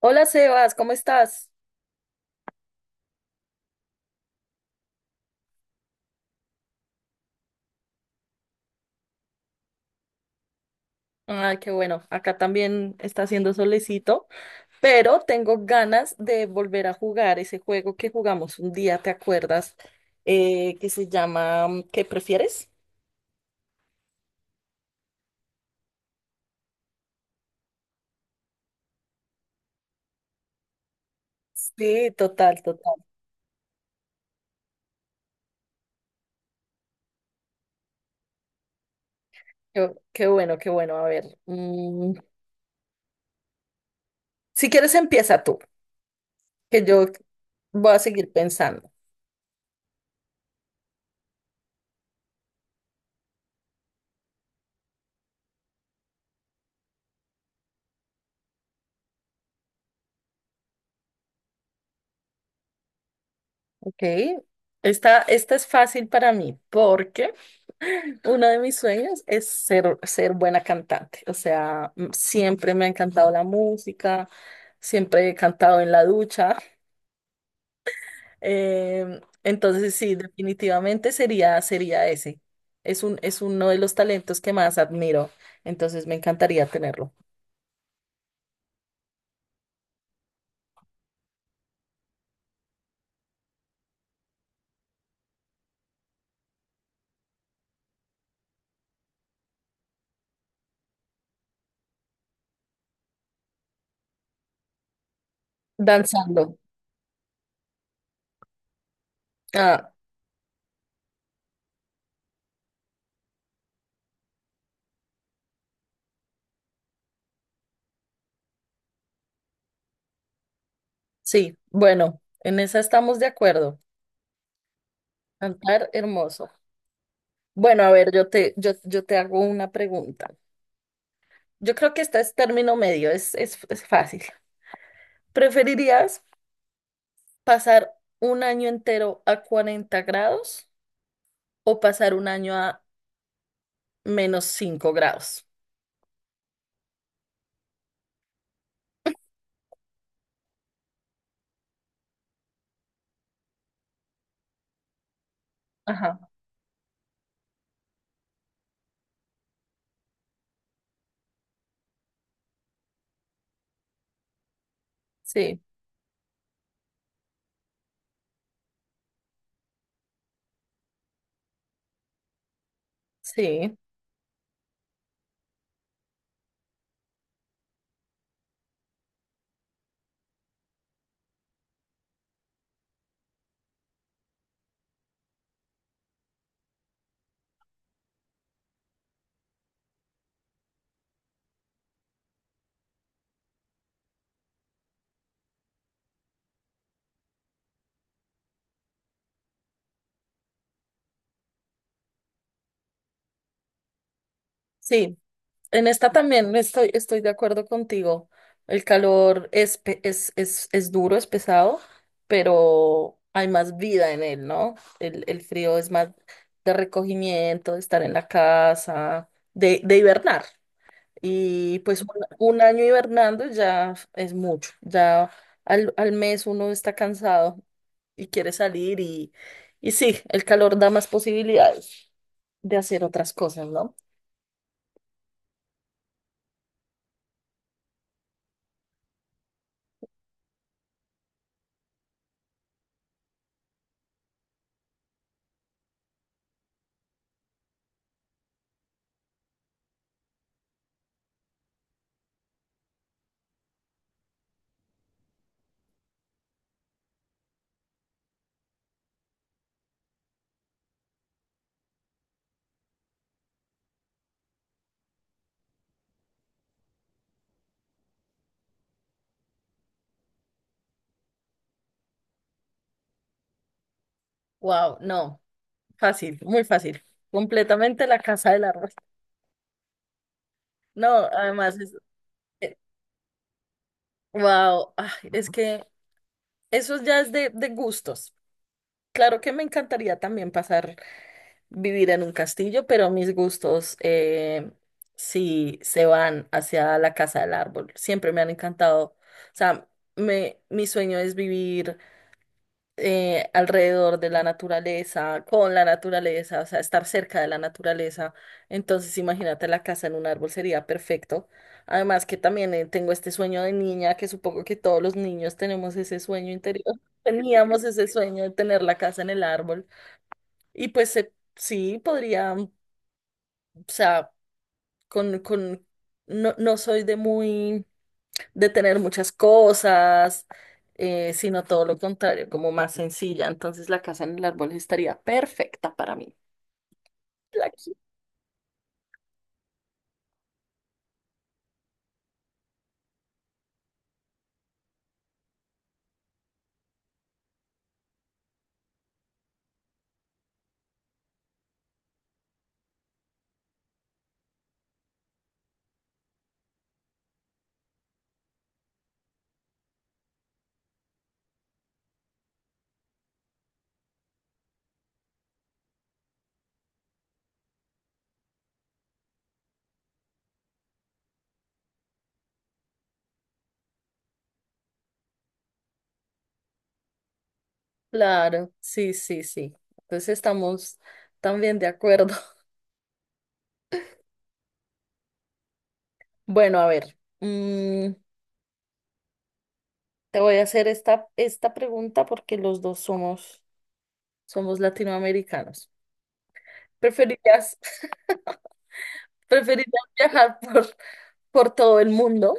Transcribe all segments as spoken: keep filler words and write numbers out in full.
Hola Sebas, ¿cómo estás? Ay, qué bueno, acá también está haciendo solecito, pero tengo ganas de volver a jugar ese juego que jugamos un día, ¿te acuerdas? Eh, que se llama mm, ¿qué prefieres? Sí, total, total. Qué, qué bueno, qué bueno. A ver, mm, si quieres empieza tú, que yo voy a seguir pensando. Ok, esta, esta es fácil para mí porque uno de mis sueños es ser, ser buena cantante. O sea, m- siempre me ha encantado la música, siempre he cantado en la ducha. Em, entonces, sí, definitivamente sería, sería ese. Es un, es uno de los talentos que más admiro. Entonces, me encantaría tenerlo. Danzando. Ah, sí, bueno, en esa estamos de acuerdo. Cantar hermoso. Bueno, a ver, yo te, yo, yo te hago una pregunta. Yo creo que este es término medio, es, es, es fácil. ¿Preferirías pasar un año entero a cuarenta grados o pasar un año a menos cinco grados? Ajá. Sí, sí, sí. En esta también estoy, estoy de acuerdo contigo. El calor es, pe- es, es, es duro, es pesado, pero hay más vida en él, ¿no? El, el frío es más de recogimiento, de estar en la casa, de, de hibernar. Y pues un, un año hibernando ya es mucho, ya al, al mes uno está cansado y quiere salir y, y sí, el calor da más posibilidades de hacer otras cosas, ¿no? Wow, no, fácil, muy fácil, completamente la casa del arroz. No, además es, wow, es que eso ya es de, de gustos. Claro que me encantaría también pasar vivir en un castillo, pero mis gustos eh, sí se van hacia la casa del árbol. Siempre me han encantado. O sea, me, mi sueño es vivir eh, alrededor de la naturaleza, con la naturaleza, o sea, estar cerca de la naturaleza. Entonces, imagínate la casa en un árbol sería perfecto. Además que también eh, tengo este sueño de niña, que supongo que todos los niños tenemos ese sueño interior. Teníamos ese sueño de tener la casa en el árbol. Y pues se sí, podría. O sea, con, con, no, no soy de muy, de tener muchas cosas, eh, sino todo lo contrario, como más sencilla. Entonces la casa en el árbol estaría perfecta para mí. La qui- Claro, sí, sí, sí. Entonces estamos también de acuerdo. Bueno, a ver, mm, te voy a hacer esta, esta pregunta porque los dos somos, somos latinoamericanos. ¿Preferirías, preferirías viajar por, por todo el mundo,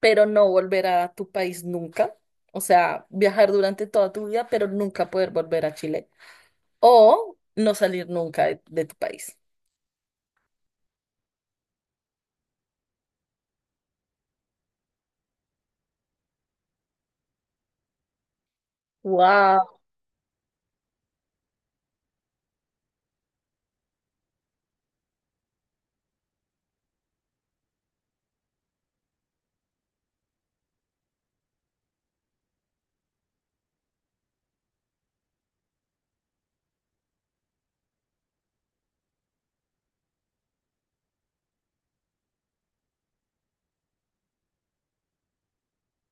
pero no volver a tu país nunca? O sea, viajar durante toda tu vida, pero nunca poder volver a Chile. O no salir nunca de, de tu país. Wow,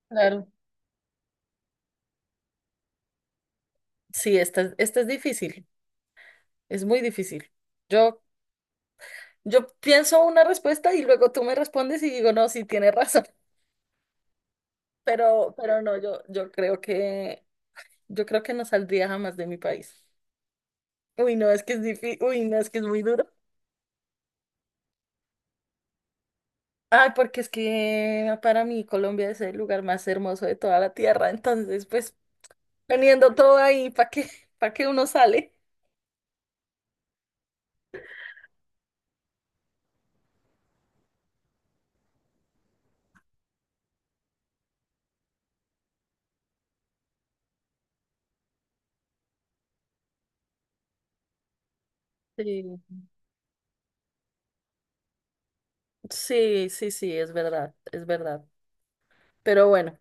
claro. Sí, esta, es- esta es difícil, es muy difícil. Yo, yo pienso una respuesta y luego tú me respondes y digo, no, sí, tienes razón. Pero, pero no, yo, yo creo que, yo creo que no saldría jamás de mi país. Uy, no, es que es difícil, uy, no, es que es muy duro. Ay, porque es que para mí Colombia es el lugar más hermoso de toda la tierra, entonces pues poniendo todo ahí, ¿para qué, ¿para qué uno sale? Sí. Sí, sí, sí, es verdad, es verdad. Pero bueno,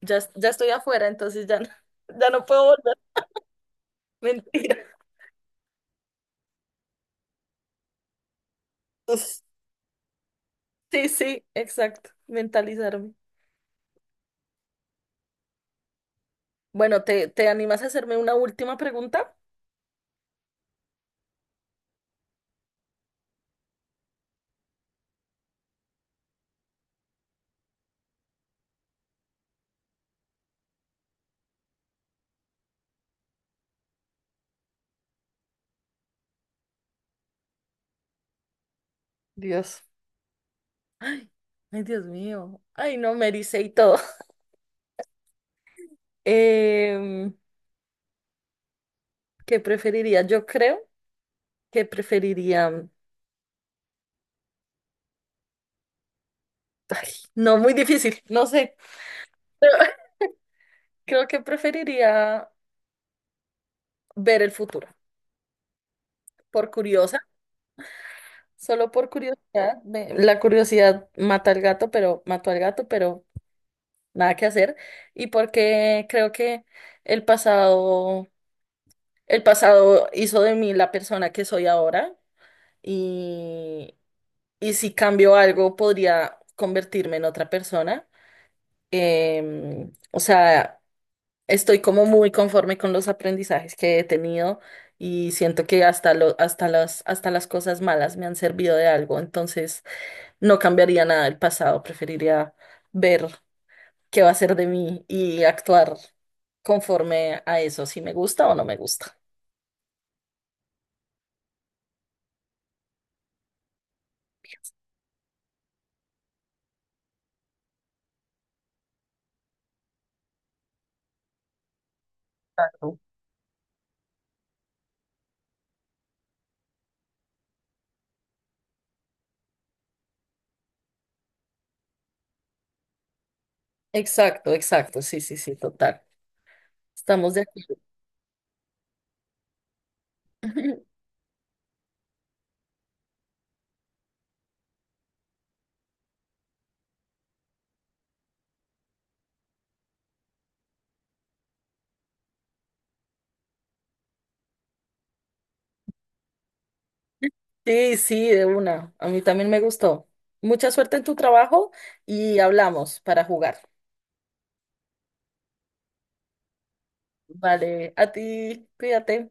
ya, es- ya estoy afuera, entonces ya no, ya no puedo volver. Mentira. Uf. Sí, sí, exacto, mentalizarme. Bueno, ¿te, te animas a hacerme una última pregunta? Dios. Ay, ay, Dios mío. Ay, no, me ericé y todo. Em, ¿qué preferiría? Yo creo que preferiría. Ay, no, muy difícil, no sé. Pero creo que preferiría ver el futuro. Por curiosa, solo por curiosidad. me- La curiosidad mata al gato, pero mató al gato, pero nada que hacer. Y porque creo que el pasado, el pasado hizo de mí la persona que soy ahora, y si cambio algo podría convertirme en otra persona. Em, o sea, estoy como muy conforme con los aprendizajes que he tenido y siento que hasta lo, hasta las, hasta las cosas malas me han servido de algo. Entonces, no cambiaría nada del pasado. Preferiría ver qué va a ser de mí y actuar conforme a eso, si me gusta o no me gusta. Exacto, exacto. Sí, sí, sí, total. Estamos de acuerdo. Sí, sí, de una. A mí también me gustó. Mucha suerte en tu trabajo y hablamos para jugar. Vale, a ti, cuídate.